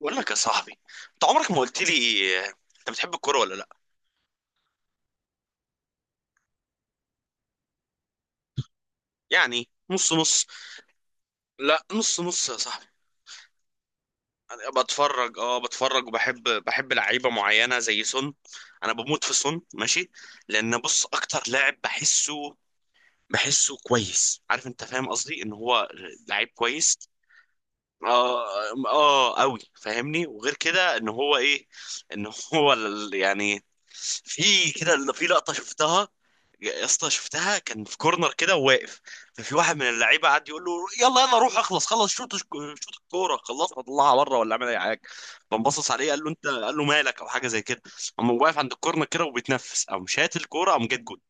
بقول لك يا صاحبي، انت عمرك ما قلت لي، آه، انت بتحب الكوره ولا لا؟ يعني نص نص. لا، نص نص يا صاحبي. انا بتفرج، بتفرج، وبحب لعيبه معينه زي سون. انا بموت في سون، ماشي. لان بص، اكتر لاعب بحسه كويس، عارف؟ انت فاهم قصدي ان هو لعيب كويس. اه، اه قوي فاهمني. وغير كده ان هو ايه، ان هو يعني في كده، في لقطه شفتها، يا اسطى شفتها، كان في كورنر كده وواقف. ففي واحد من اللعيبه قعد يقول له يلا يلا، روح اخلص، خلص شوط، شوط الكوره، خلصها، طلعها بره ولا اعمل اي حاجه. فانبصص عليه قال له انت، قال له مالك، او حاجه زي كده. قام هو واقف عند الكورنر كده وبيتنفس، قام شات الكوره، قام جت جول.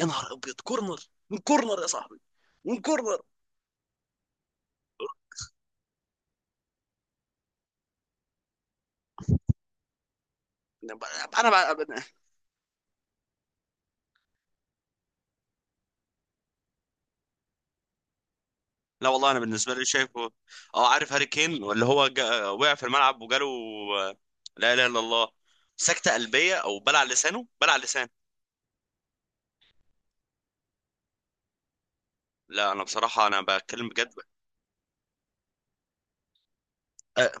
يا نهار ابيض، كورنر! من كورنر يا صاحبي، من كورنر. انا لا والله، انا بالنسبه لي شايفه. اه، عارف هاري كين، اللي هو جا... وقع في الملعب وجاله آه، لا اله الا الله، سكته قلبيه، او بلع لسانه، بلع لسان. لا انا بصراحه، انا بتكلم بجد. أه،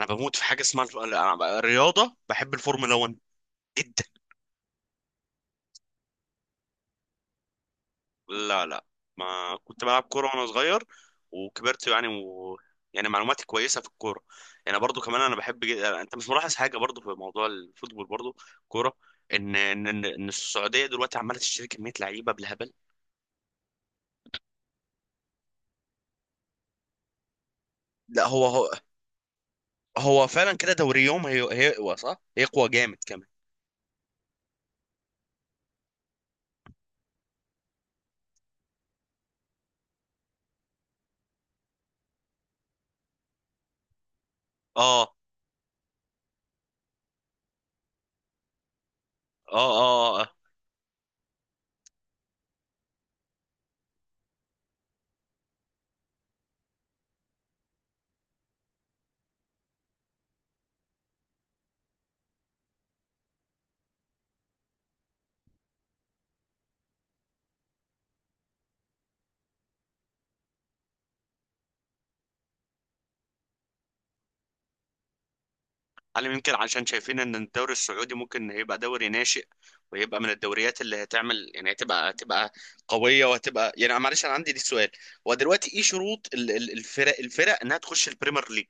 انا بموت في حاجه اسمها الرياضه، بحب الفورمولا 1 جدا. لا، لا، ما كنت بلعب كورة وانا صغير، وكبرت يعني و... يعني معلوماتي كويسة في الكورة. يعني برضو كمان انا بحب جد... انت مش ملاحظ حاجة برضو في موضوع الفوتبول، برضو كورة، ان إن السعودية دلوقتي عمالة تشتري كمية لعيبة بالهبل. لا، هو هو فعلا كده. دوري يوم هي... هيقوى، صح؟ هيقوى جامد كمان. اه، اه، اه. هل يمكن عشان شايفين ان الدوري السعودي ممكن يبقى دوري ناشئ، ويبقى من الدوريات اللي هتعمل، يعني هتبقى قويه، وهتبقى يعني، معلش، انا عندي ليك سؤال. هو دلوقتي ايه شروط الفرق انها تخش البريمير ليج؟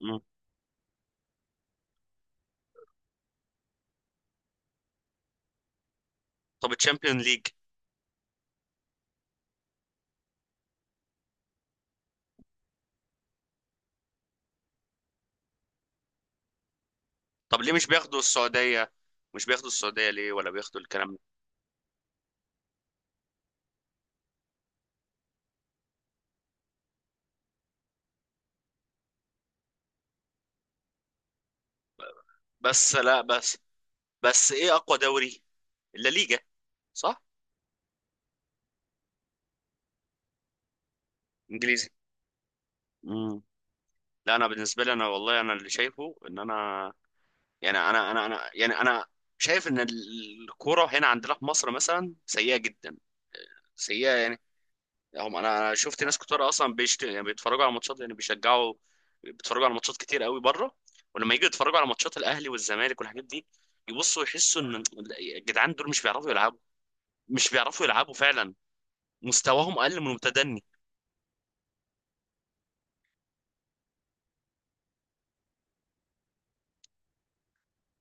مم. طب الشامبيون ليج؟ طب ليه مش بياخدوا السعوديه؟ مش بياخدوا السعوديه ليه، ولا بياخدوا الكلام ده؟ بس لا بس بس ايه اقوى دوري؟ اللا ليجا، صح؟ انجليزي. مم. لا انا بالنسبه لي، انا والله، انا اللي شايفه ان انا، يعني انا، انا يعني انا، شايف ان الكوره هنا عندنا في مصر مثلا سيئه جدا، سيئه يعني. هم، أنا شفت ناس كتير، اصلا بيشت... يعني بيتفرجوا على ماتشات، يعني بيشجعوا، بيتفرجوا على ماتشات كتير قوي بره، ولما يجوا يتفرجوا على ماتشات الاهلي والزمالك والحاجات دي، يبصوا يحسوا ان الجدعان دول مش بيعرفوا يلعبوا، مش بيعرفوا يلعبوا فعلا. مستواهم اقل من المتدني،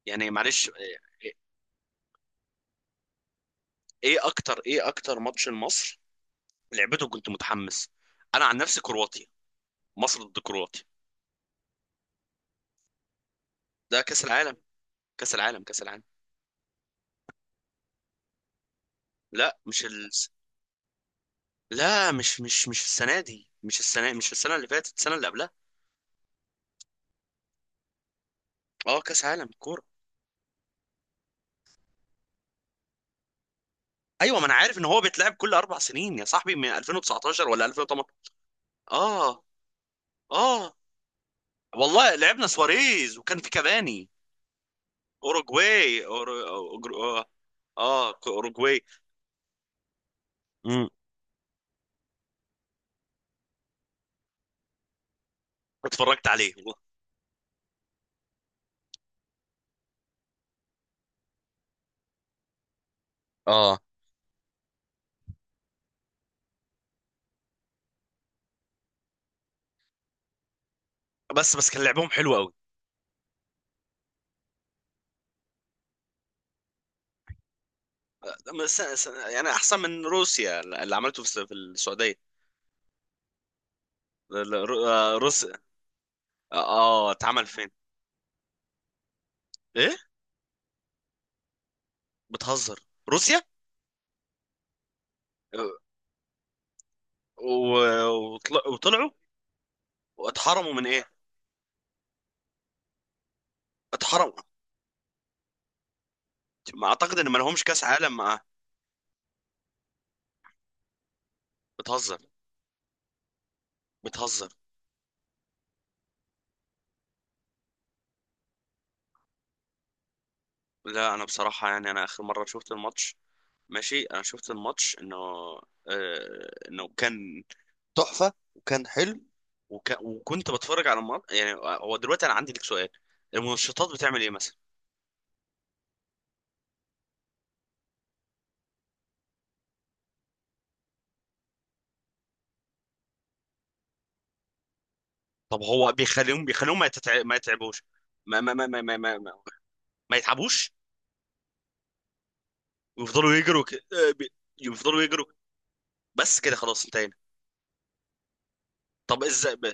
يعني معلش. ايه؟ إيه اكتر ماتش لمصر لعبته كنت متحمس؟ انا عن نفسي كرواتيا، مصر ضد كرواتيا. ده كاس العالم، كأس العالم، كأس العالم. لا، مش ال... لا، مش السنة دي، مش السنة، مش السنة اللي فاتت، السنة اللي قبلها. اه، كأس عالم كورة. ايوه، ما انا عارف ان هو بيتلعب كل 4 سنين يا صاحبي، من 2019 ولا 2018. اه. اه والله، لعبنا سواريز وكان في كافاني. اوروجواي أورو- أورو- اه، اوروجواي. امم اتفرجت عليه والله. اه، بس كان لعبهم حلو قوي. يعني احسن من روسيا اللي عملته في السعوديه، روس. اه، اتعمل فين؟ ايه؟ بتهزر؟ روسيا؟ وطلعوا، واتحرموا من ايه؟ اتحرموا، ما اعتقد ان ما لهمش كاس عالم معاه. بتهزر. بتهزر. لا انا بصراحة يعني انا اخر مرة شفت الماتش، ماشي، انا شفت الماتش انه، انه كان تحفة وكان حلو. وكنت بتفرج على الماتش يعني. هو دلوقتي انا عندي لك سؤال، المنشطات بتعمل ايه مثلا؟ طب هو بيخليهم ما يتعبوش؟ ما ما ما ما ما, ما... ما يتعبوش، ويفضلوا يجروا يفضلوا يجروا. بس كده، خلاص، انتهينا. طب ازاي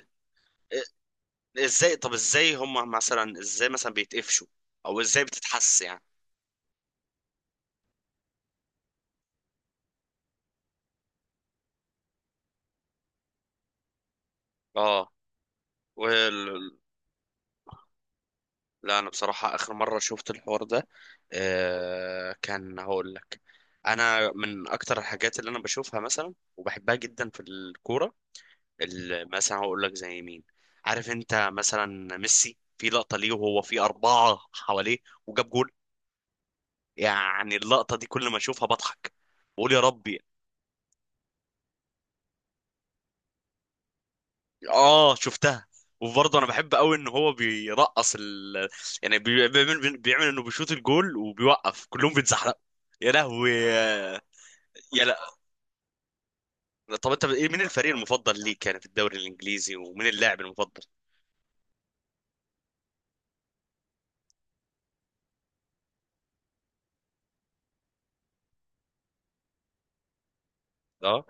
آه، ازاي، طب ازاي هم مثلا، ازاي مثلا بيتقفشوا؟ او ازاي بتتحس يعني؟ اه، وال... لا انا بصراحة اخر مرة شفت الحوار ده، كان هقول لك، انا من اكتر الحاجات اللي انا بشوفها مثلا وبحبها جدا في الكورة، مثلا هقول لك زي مين. عارف انت مثلا ميسي، في لقطة ليه وهو في أربعة حواليه وجاب جول؟ يعني اللقطة دي كل ما اشوفها بضحك، بقول يا ربي. اه، شفتها. وبرضه انا بحب قوي ان هو بيرقص ال... يعني بيعمل انه بيشوط الجول، وبيوقف كلهم بيتزحلقوا، يا لهوي يا! لا، طب انت ايه، مين الفريق المفضل ليك يعني في الدوري الانجليزي، ومين اللاعب المفضل؟ اه،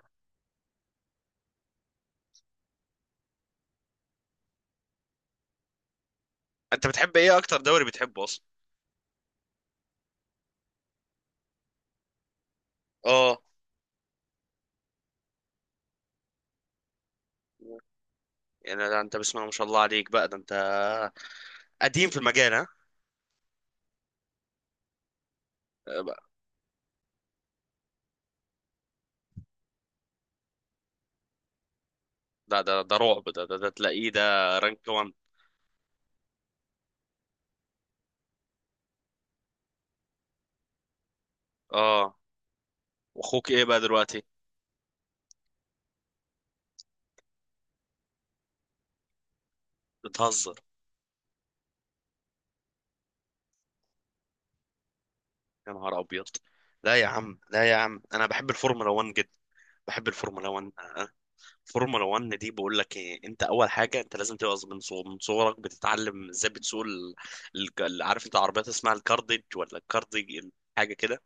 انت بتحب ايه، اكتر دوري بتحبه اصلا؟ اه، يعني ده انت بسم الله ما شاء الله عليك بقى، ده انت قديم في المجال، ها؟ لا، ده رعب، ده تلاقيه ده رانك 1. اه. واخوك ايه بقى دلوقتي؟ بتهزر! يا نهار ابيض! لا يا عم، لا يا عم، انا بحب الفورمولا 1 جدا، بحب الفورمولا 1، الفورمولا 1 دي، بقول لك ايه، انت اول حاجه انت لازم تبقى من صغرك بتتعلم ازاي بتسوق عارف انت عربيات اسمها الكارديج ولا الكارديج، حاجه كده.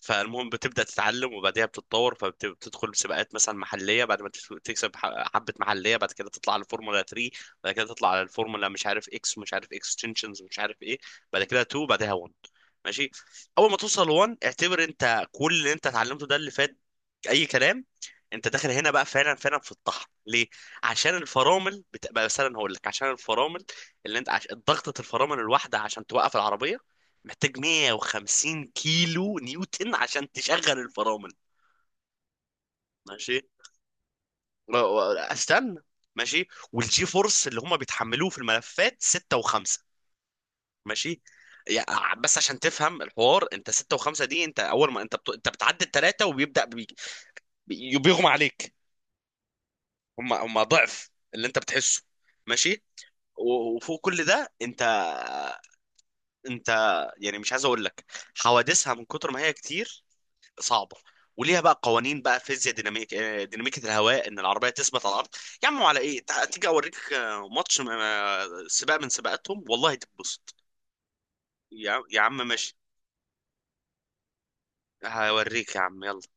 فالمهم بتبدأ تتعلم، وبعديها بتتطور، فبتدخل سباقات مثلا محلية، بعد ما تكسب حبة محلية، بعد كده تطلع على الفورمولا 3، بعد كده تطلع على الفورمولا مش عارف اكس، ومش عارف اكستنشنز، ومش عارف ايه، بعد كده 2، بعدها 1. ماشي. اول ما توصل 1، اعتبر انت كل اللي انت اتعلمته ده اللي فات اي كلام. انت داخل هنا بقى فعلا، فعلا في الطحن. ليه؟ عشان الفرامل بتبقى، مثلا هقول لك، عشان الفرامل اللي انت ضغطة الفرامل الواحدة عشان توقف العربية محتاج 150 كيلو نيوتن عشان تشغل الفرامل. ماشي. استنى. ماشي، والجي فورس اللي هم بيتحملوه في الملفات 6 و5، ماشي. يعني بس عشان تفهم الحوار، انت 6 و5 دي، انت اول ما انت انت بتعدي الثلاثه، وبيبدأ بيغمى عليك، هم ضعف اللي انت بتحسه. ماشي. وفوق كل ده انت، انت يعني مش عايز اقول لك، حوادثها من كتر ما هي كتير صعبه. وليها بقى قوانين بقى، فيزياء ديناميكية الهواء، ان العربيه تثبت على الارض. يا عم على ايه، تيجي اوريك ماتش آه، سباق من سباقاتهم والله تتبسط. يا عم، ماشي. هوريك يا عم، يلا.